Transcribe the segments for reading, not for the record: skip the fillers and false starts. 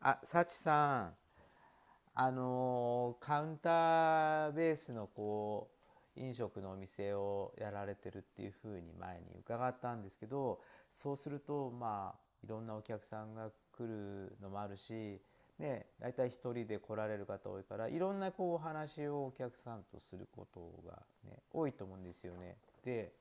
あ、サチさん、カウンターベースの飲食のお店をやられてるっていうふうに前に伺ったんですけど、そうすると、まあ、いろんなお客さんが来るのもあるし、ね、大体一人で来られる方多いから、いろんなこうお話をお客さんとすることが、ね、多いと思うんですよね。で、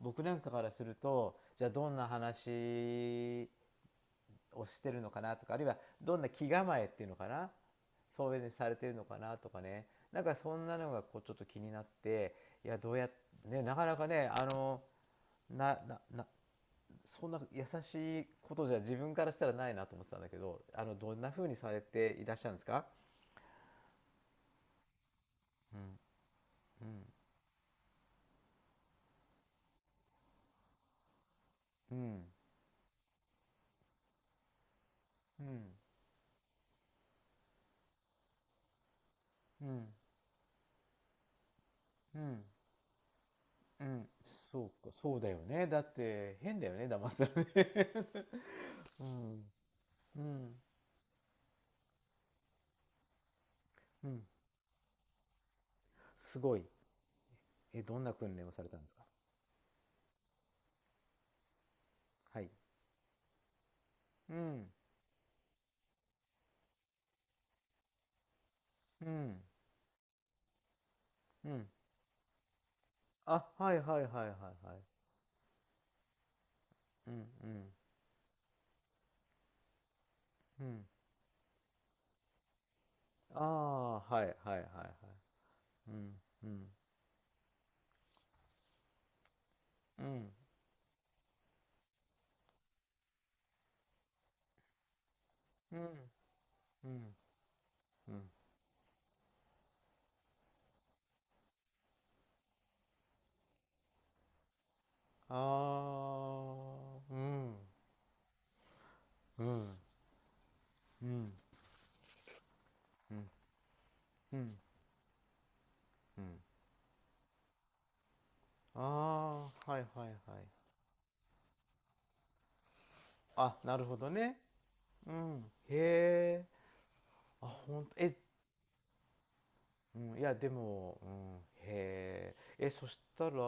僕なんかからすると、じゃあどんな話をしてるのかな、とか、あるいはどんな気構えっていうのかな、そういうふうにされてるのかな、とかね、なんかそんなのがこうちょっと気になって、いや、どうやってね、なかなかね、あのなななそんな優しいことじゃ自分からしたらないなと思ってたんだけど、あの、どんなふうにされていらっしゃるんですか？うん、うん、うん、うん、うん、うん、うん。そうか、そうだよね。だって変だよね、騙されて。 うん、うん、うん。すごい。え、どんな訓練をされたんですか？はい。うん、うん、うん。あ、はいはいはいはいはい。うん、うん、うん。ああ、はいはいはいはい。うん、うん、うん、うん、うん、うん。ああ、うん、うん、うん、うん、うん、うん。ああ、はいはいはい。あ、なるほどね。うん。へえ。あ、ほんと、え、うん、いや、でも、うん、へえ。え、そしたら、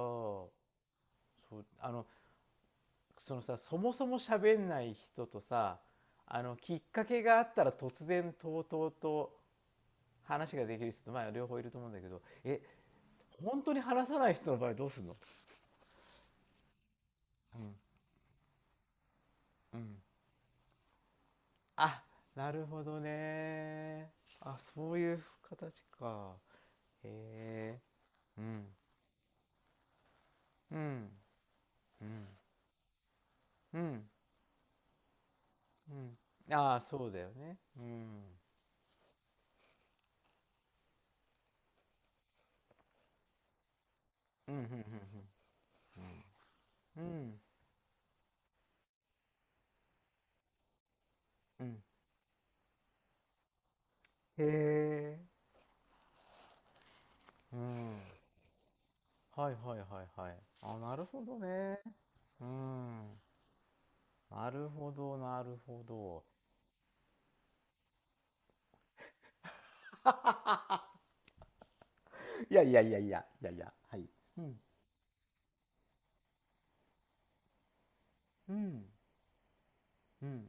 そうあのそのさ、そもそも喋んない人とさ、あのきっかけがあったら突然とうとうと話ができる人と、まあ両方いると思うんだけど、え、本当に話さない人の場合どうするの？うん、うん。あ、なるほどね。あ、そういう形か。へえ。うん、うん、うん、うん、うん。ああ、そうだよね。うん、うん、うん、うん、うん、うん。へえ。うん。はいはいはいはい。あ、なるほどね。うん。なるほど、なるほど。いやいやいやいや、いやいや、はい。うん、うん、うん。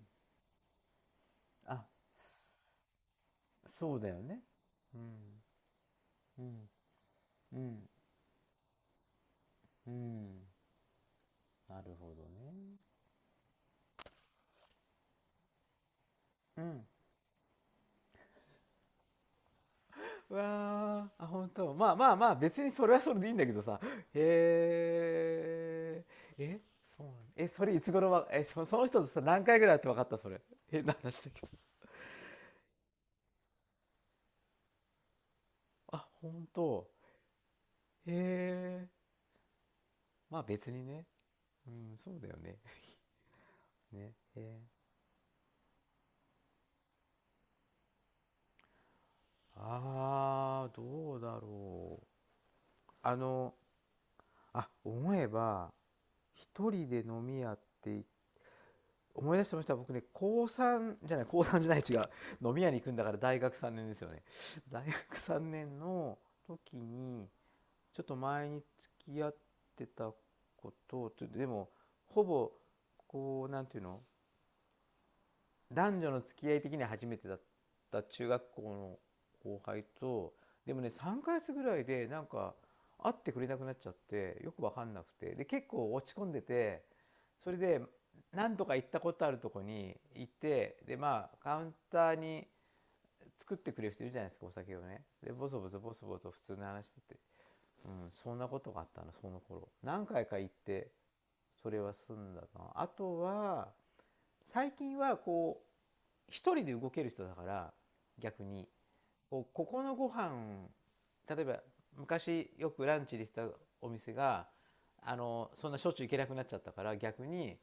あ、そそうだよね。うん、うん、うん、うん。なるほどね。うん。うわー、あ、本当。まあまあまあ、別にそれはそれでいいんだけどさ。へえ。え、そうなの。え、それいつ頃は、え、そ、その人とさ、何回ぐらいやって分かったそれ。変な話だけど。あ、本当。へえ。まあ別にね。うん、そうだよね。ね。へえ。ああ、どうだろう。あの、あ、思えば、一人で飲み屋ってい、思い出してました。僕ね、高3じゃない、高3じゃない、違う。飲み屋に行くんだから大学3年ですよね。大学3年の時に、ちょっと前に付き合ってたこと、ちょっと、でも、ほぼ、こう、なんていうの、男女の付き合い的には初めてだった中学校の後輩と、でもね、3ヶ月ぐらいでなんか会ってくれなくなっちゃって、よく分かんなくて、で、結構落ち込んでて、それで何度か行ったことあるとこに行って、で、まあカウンターに作ってくれる人いるじゃないですか、お酒をね。でボソボソボソボソ普通の話してて、うん、そんなことがあったの、その頃何回か行って。それは済んだなあ、とは、最近はこう一人で動ける人だから、逆に、ここのご飯、例えば昔よくランチでしたお店が、あのそんなしょっちゅう行けなくなっちゃったから、逆に、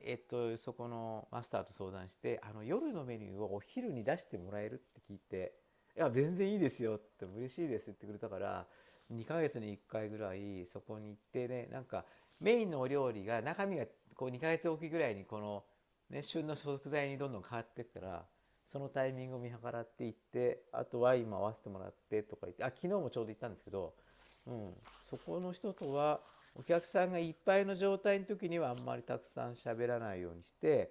えっと、そこのマスターと相談して、あの夜のメニューをお昼に出してもらえるって聞いて、「いや全然いいですよ」って「嬉しいです」って言ってくれたから、2ヶ月に1回ぐらいそこに行ってね、なんかメインのお料理が中身がこう2ヶ月おきぐらいにこの、ね、旬の食材にどんどん変わっていくから、そのタイミングを見計らって行って、あとは今合わせてもらって、とか言って。あ、昨日もちょうど行ったんですけど、うん、そこの人とは、お客さんがいっぱいの状態の時にはあんまりたくさん喋らないようにして、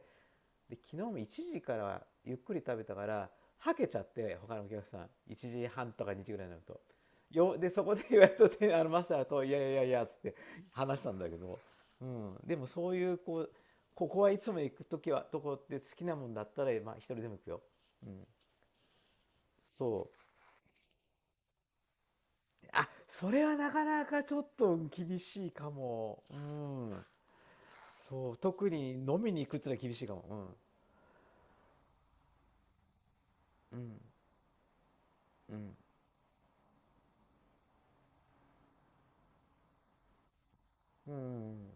で昨日も1時からゆっくり食べたから、はけちゃって、他のお客さん1時半とか2時ぐらいになると、よ、でそこでやっとて、あのマスターと「いやいやいやいや」っつって話したんだけど、うん、でもそういうこう、ここはいつも行く時はとこって好きなもんだったら、まあ、一人でも行くよ。うん、そあ、それはなかなかちょっと厳しいかも、うん。そう、特に飲みに行くってのは厳しいかも。うん、うん、うん、うん。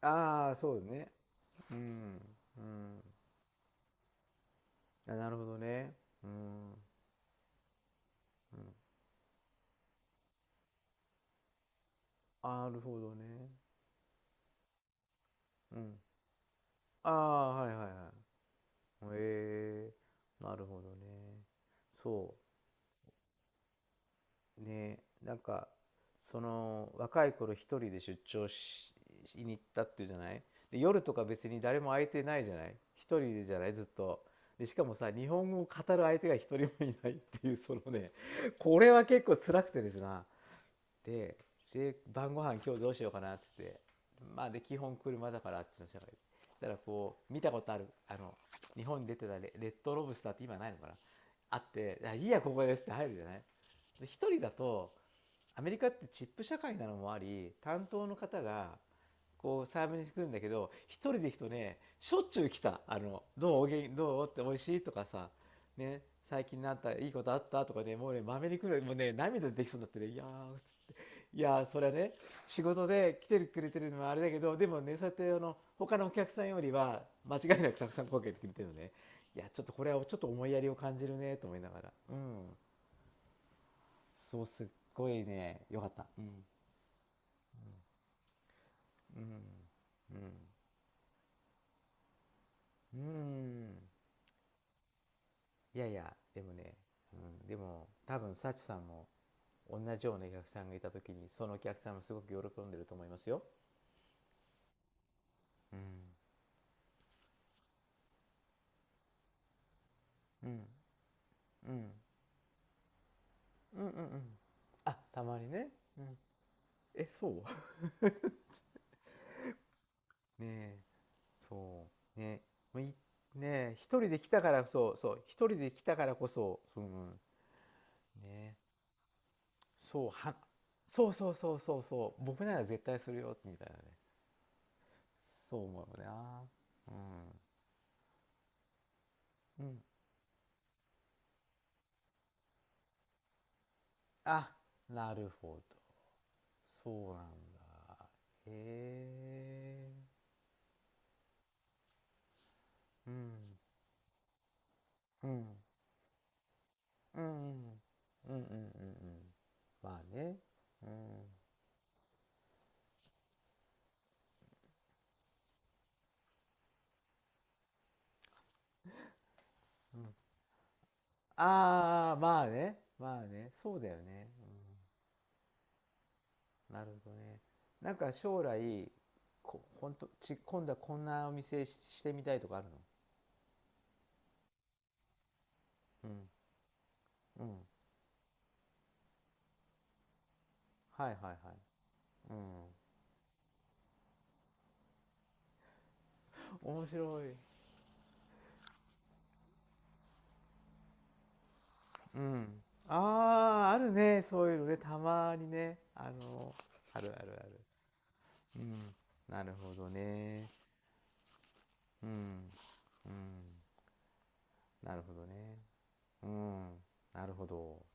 ああ、そうですね。うん、うん。あ、なるほどね。うん、うん。なるほどね。うん。ああ、はいはいはい。ええ、なるほどね。そう、ね、なんか、その、若い頃一人で出張しに行ったっていうじゃない。で、夜とか別に誰も相手ないじゃない。一人でじゃない、ずっと。で、しかもさ、日本語を語る相手が一人もいないっていう、そのね、これは結構辛くてですな。でで晩ご飯今日どうしようかなっつって、まあで基本車だから、あっちの社会で、だからこう見たことある、あの日本に出てたレッドロブスターって今ないのかな、あって「いいやここです」って入るじゃない、一人だと。アメリカってチップ社会なのもあり、担当の方がこうサーブに来るんだけど、一人で行くとね、しょっちゅう来た。「あの、どうおげんどう?」って「おいしい?」とかさ、ね、最近なんかいいことあったとかね、もうね、まめに来る。もうね涙出てきそうになってね。いやー、いやー、それはね、仕事で来てくれてるのはあれだけど、でもね、そうやってあの他のお客さんよりは間違いなくたくさん声かけてくれてるのね。いや、ちょっとこれはちょっと思いやりを感じるねと思いながら、うん。そうすっごいね、よかった、うん、うん、うん、うん。いやいやでもね、うん、でも多分幸さんも同じようなお客さんがいた時に、そのお客さんもすごく喜んでると思いますよ。うん、うん、うん、うん、うん、うん。あたまにね。うん、え、そう。 ねえ、そう、ねえ、もうい、ねえ、一人で来たから、そうそう、一人で来たからこそ、その、ねえ、そう、は、そうそうそうそうそう、僕なら絶対するよ、みたいなね。そう思うな。うん。うん。あ、なるほど。そうなんだ。へえ。うん。うん。うん。うんうんうんうん。まあね。うん。うん。ああ、まあね。まあね。そうだよね。うん、なるほどね。なんか将来、こ、ほんと、ち、今度はこんなお店し、してみたいとかあるの？うん。うん。はいはいはい。うん。面白い。うん。ああ、あるね。そういうのね。たまにね。あの、あるあるある。うん。なるほどね。うん。うん。なるほどね。うん。なるほど。